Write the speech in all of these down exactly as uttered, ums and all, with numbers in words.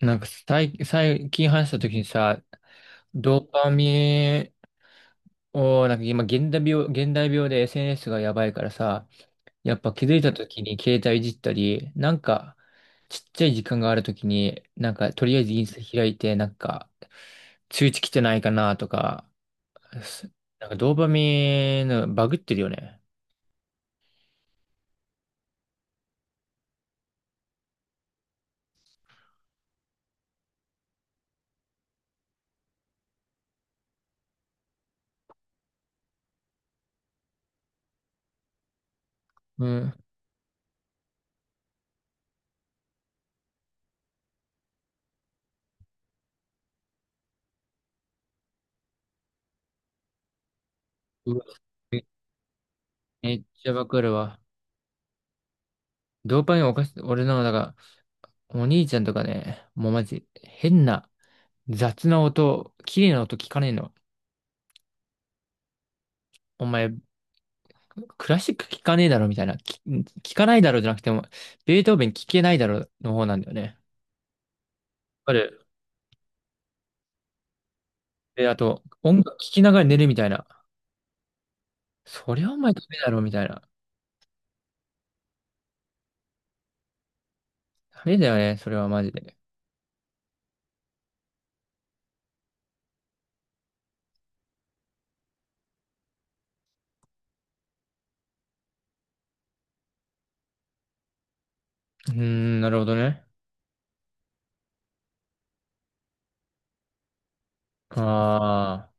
なんか最、最近話した時にさ、ドーパミンを、なんか今現代病、現代病で エスエヌエス がやばいからさ、やっぱ気づいた時に携帯いじったり、なんかちっちゃい時間がある時に、なんかとりあえずインスタ開いて、なんか通知来てないかなとか、すなんかドーパミンのバグってるよね。うん。うわ、めっちゃバグるわ。ドーパミンおかし、俺の、だから、お兄ちゃんとかね、もうマジ変な、雑な音、綺麗な音聞かねえの。お前、クラシック聞かねえだろみたいな。き聞かないだろじゃなくても、ベートーベン聞けないだろの方なんだよね。あれ、で、あと、音楽聞きながら寝るみたいな。そりゃお前ダメだろみたいな。ダメだよね、それはマジで。うーん、なるほどね。ああ、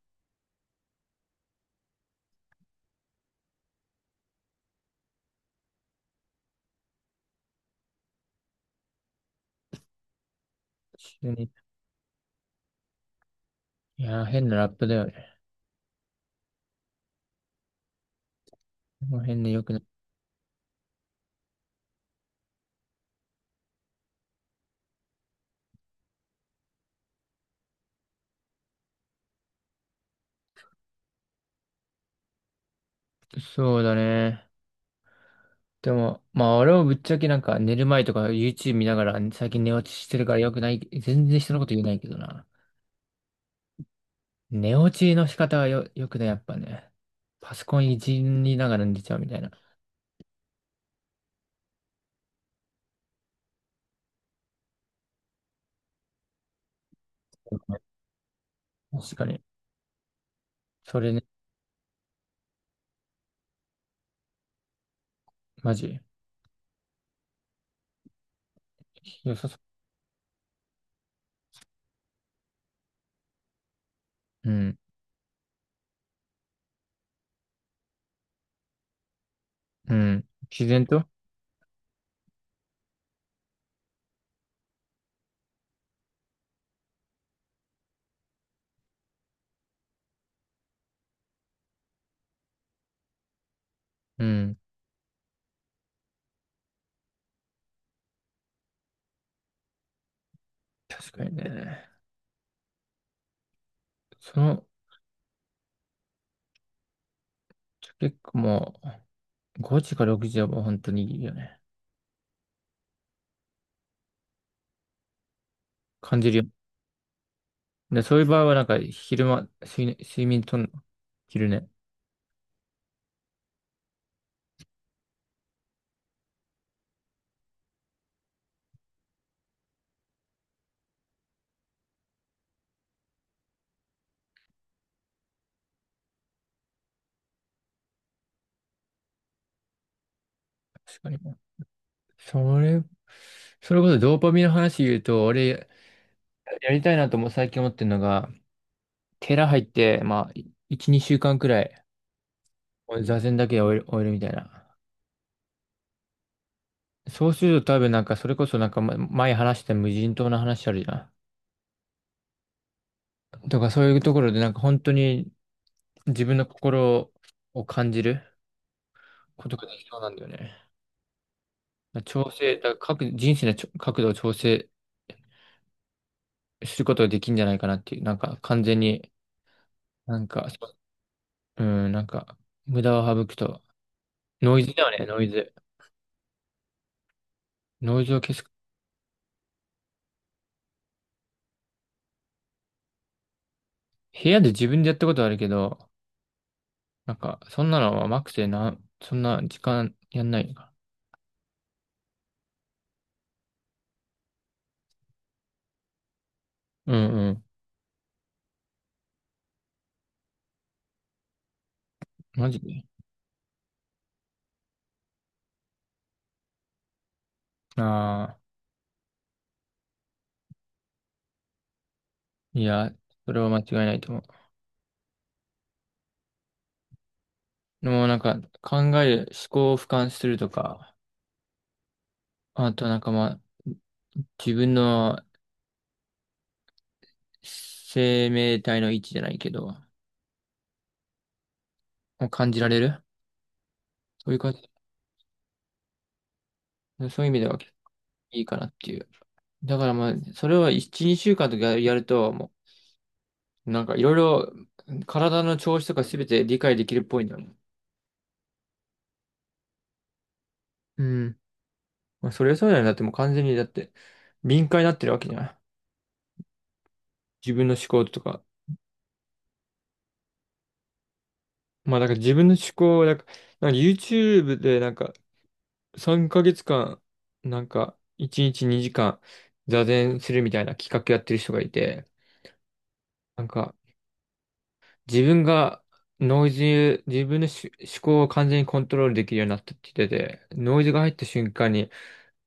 急に。いやー、変なラップだよね。この辺でよくない。そうだね。でも、まあ俺もぶっちゃけなんか寝る前とか YouTube 見ながら最近寝落ちしてるからよくない。全然人のこと言えないけどな。寝落ちの仕方はよ、よくね、やっぱね。パソコンいじりながら寝ちゃうみたいな。確かに。それね、マジ。良さそう。うん。うん。自然と。うん。確かにね。その、結構もう、ごじかろくじはもう本当にいいよね。感じるよ。で、そういう場合はなんか、昼間、睡眠、睡眠とんの？昼寝。確かに。それ、それこそドーパミンの話言うと、俺、やりたいなとも最近思ってるのが、寺入って、まあ、いち、にしゅうかんくらい、座禅だけで終える、終えるみたいな。そうすると多分なんか、それこそなんか、ま前話した無人島の話あるじゃん。とか、そういうところでなんか、本当に自分の心を感じることができそうなんだよね。調整、だから各人生のちょ角度を調整することができるんじゃないかなっていう、なんか、完全に、なんか、そう。うん、なんか、無駄を省くと、ノイズだよね、ノイズ。ノイズを消す。部屋で自分でやったことはあるけど、なんか、そんなのは甘くてなん、そんな時間やんないのか。うんうん。マジで。ああ、いや、それは間違いないと思う。でもなんか、考える、思考を俯瞰するとか、あとなんかまあ、自分の生命体の位置じゃないけど、もう感じられる、そういう感じ、そういう意味では結構いいかなっていう。だからまあ、それはいち、にしゅうかんとかやると、もう、なんかいろいろ体の調子とかすべて理解できるっぽいんだよね。うん。まあ、それはそうだよね。だってもう完全に、だって、敏感になってるわけじゃん。自分の思考とか。まあ、だから自分の思考を、なんか、なんか YouTube で、なんか、さんかげつかん、なんか、いちにちにじかん、座禅するみたいな企画やってる人がいて、なんか、自分が、ノイズ、自分のし思考を完全にコントロールできるようになったって言ってて、ノイズが入った瞬間に、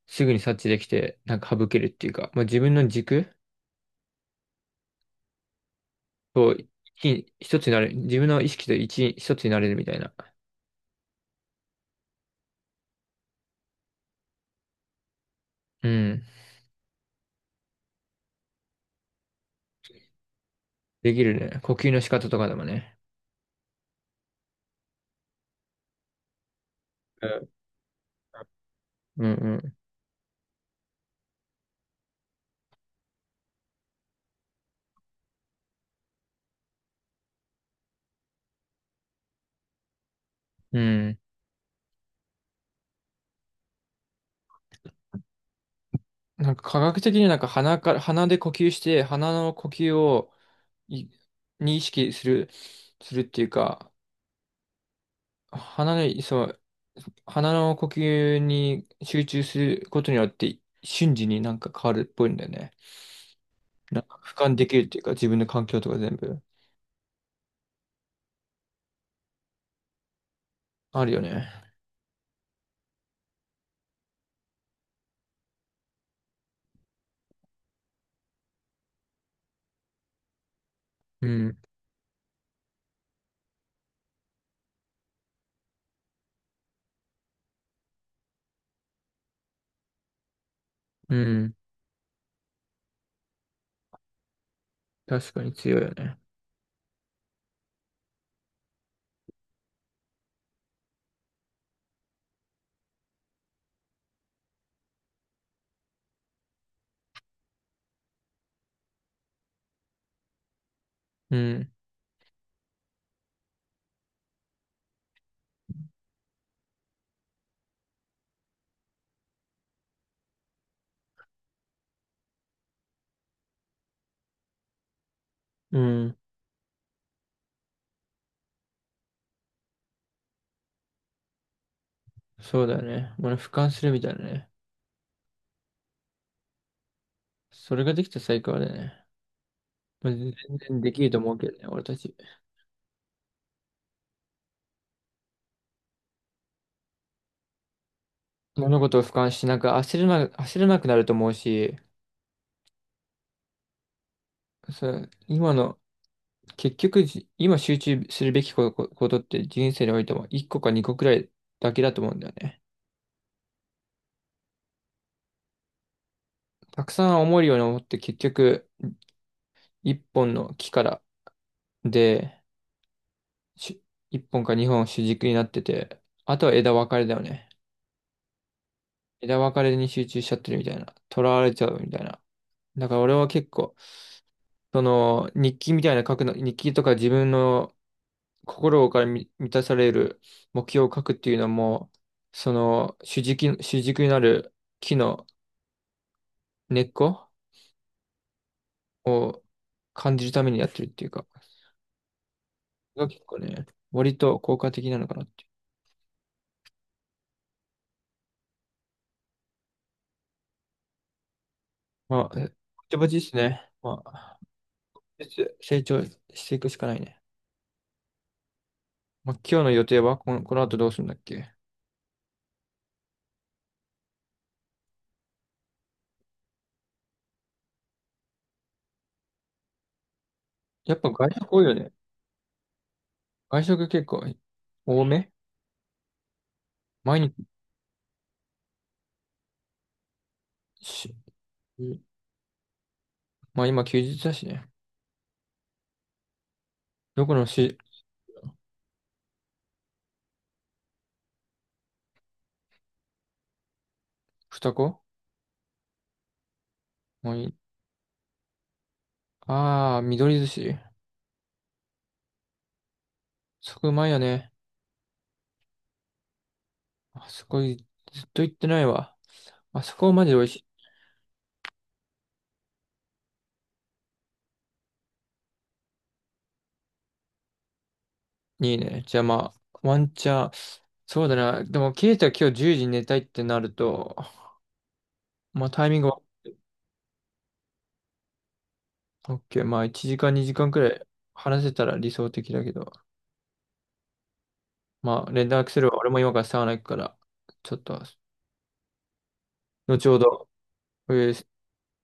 すぐに察知できて、なんか省けるっていうか、まあ、自分の軸、そう、一、一つになれる。自分の意識と一、一つになれるみたいな。うん。できるね。呼吸の仕方とかでもね。うん、うんうん、うん。なんか科学的になんか鼻から、鼻で呼吸して、鼻の呼吸をい、に意識する、するっていうか、鼻の、そう、鼻の呼吸に集中することによって、瞬時になんか変わるっぽいんだよね。なんか俯瞰できるっていうか、自分の環境とか全部あるよね。うん、うん。確かに強いよね。うん、うん、そうだね。俺、俯瞰するみたいなね。それができたら最高だよね。まあ全然できると思うけどね、俺たち。物事を俯瞰し、なんか焦らな、焦らなくなると思うし、そう今の、結局じ、今集中するべきこと、ことって人生においてもいっこかにこくらいだけだと思うんだよね。たくさん思えるように思って結局、いっぽんの木からで、しいっぽんかにほん主軸になってて、あとは枝分かれだよね。枝分かれに集中しちゃってるみたいな。囚われちゃうみたいな。だから俺は結構、その、日記みたいな書くの、日記とか自分の心からみ満たされる目標を書くっていうのも、その、主軸、主軸になる木の根っこを感じるためにやってるっていうか、それが結構ね、割と効果的なのかなっていう。まあ、えぼちぼちですね。まあ、ずつ成長していくしかないね。まあ、今日の予定はこの、この後どうするんだっけ？やっぱ外食多いよね。外食結構多め毎日し、まあ今休日だしね。どこのし、二子、もういい。ああ、緑寿司。そこうまいよね。あそこずっと行ってないわ。あそこマジで美味しい。いいね。じゃあまあ、ワンチャン。そうだな。でも、ケイタ今日じゅうじに寝たいってなると、まあタイミングは、オッケー。まあいちじかんにじかんくらい話せたら理想的だけど。まあ連絡すれば俺も今からサウナ行くから、ちょっと、後ほど、お願いします。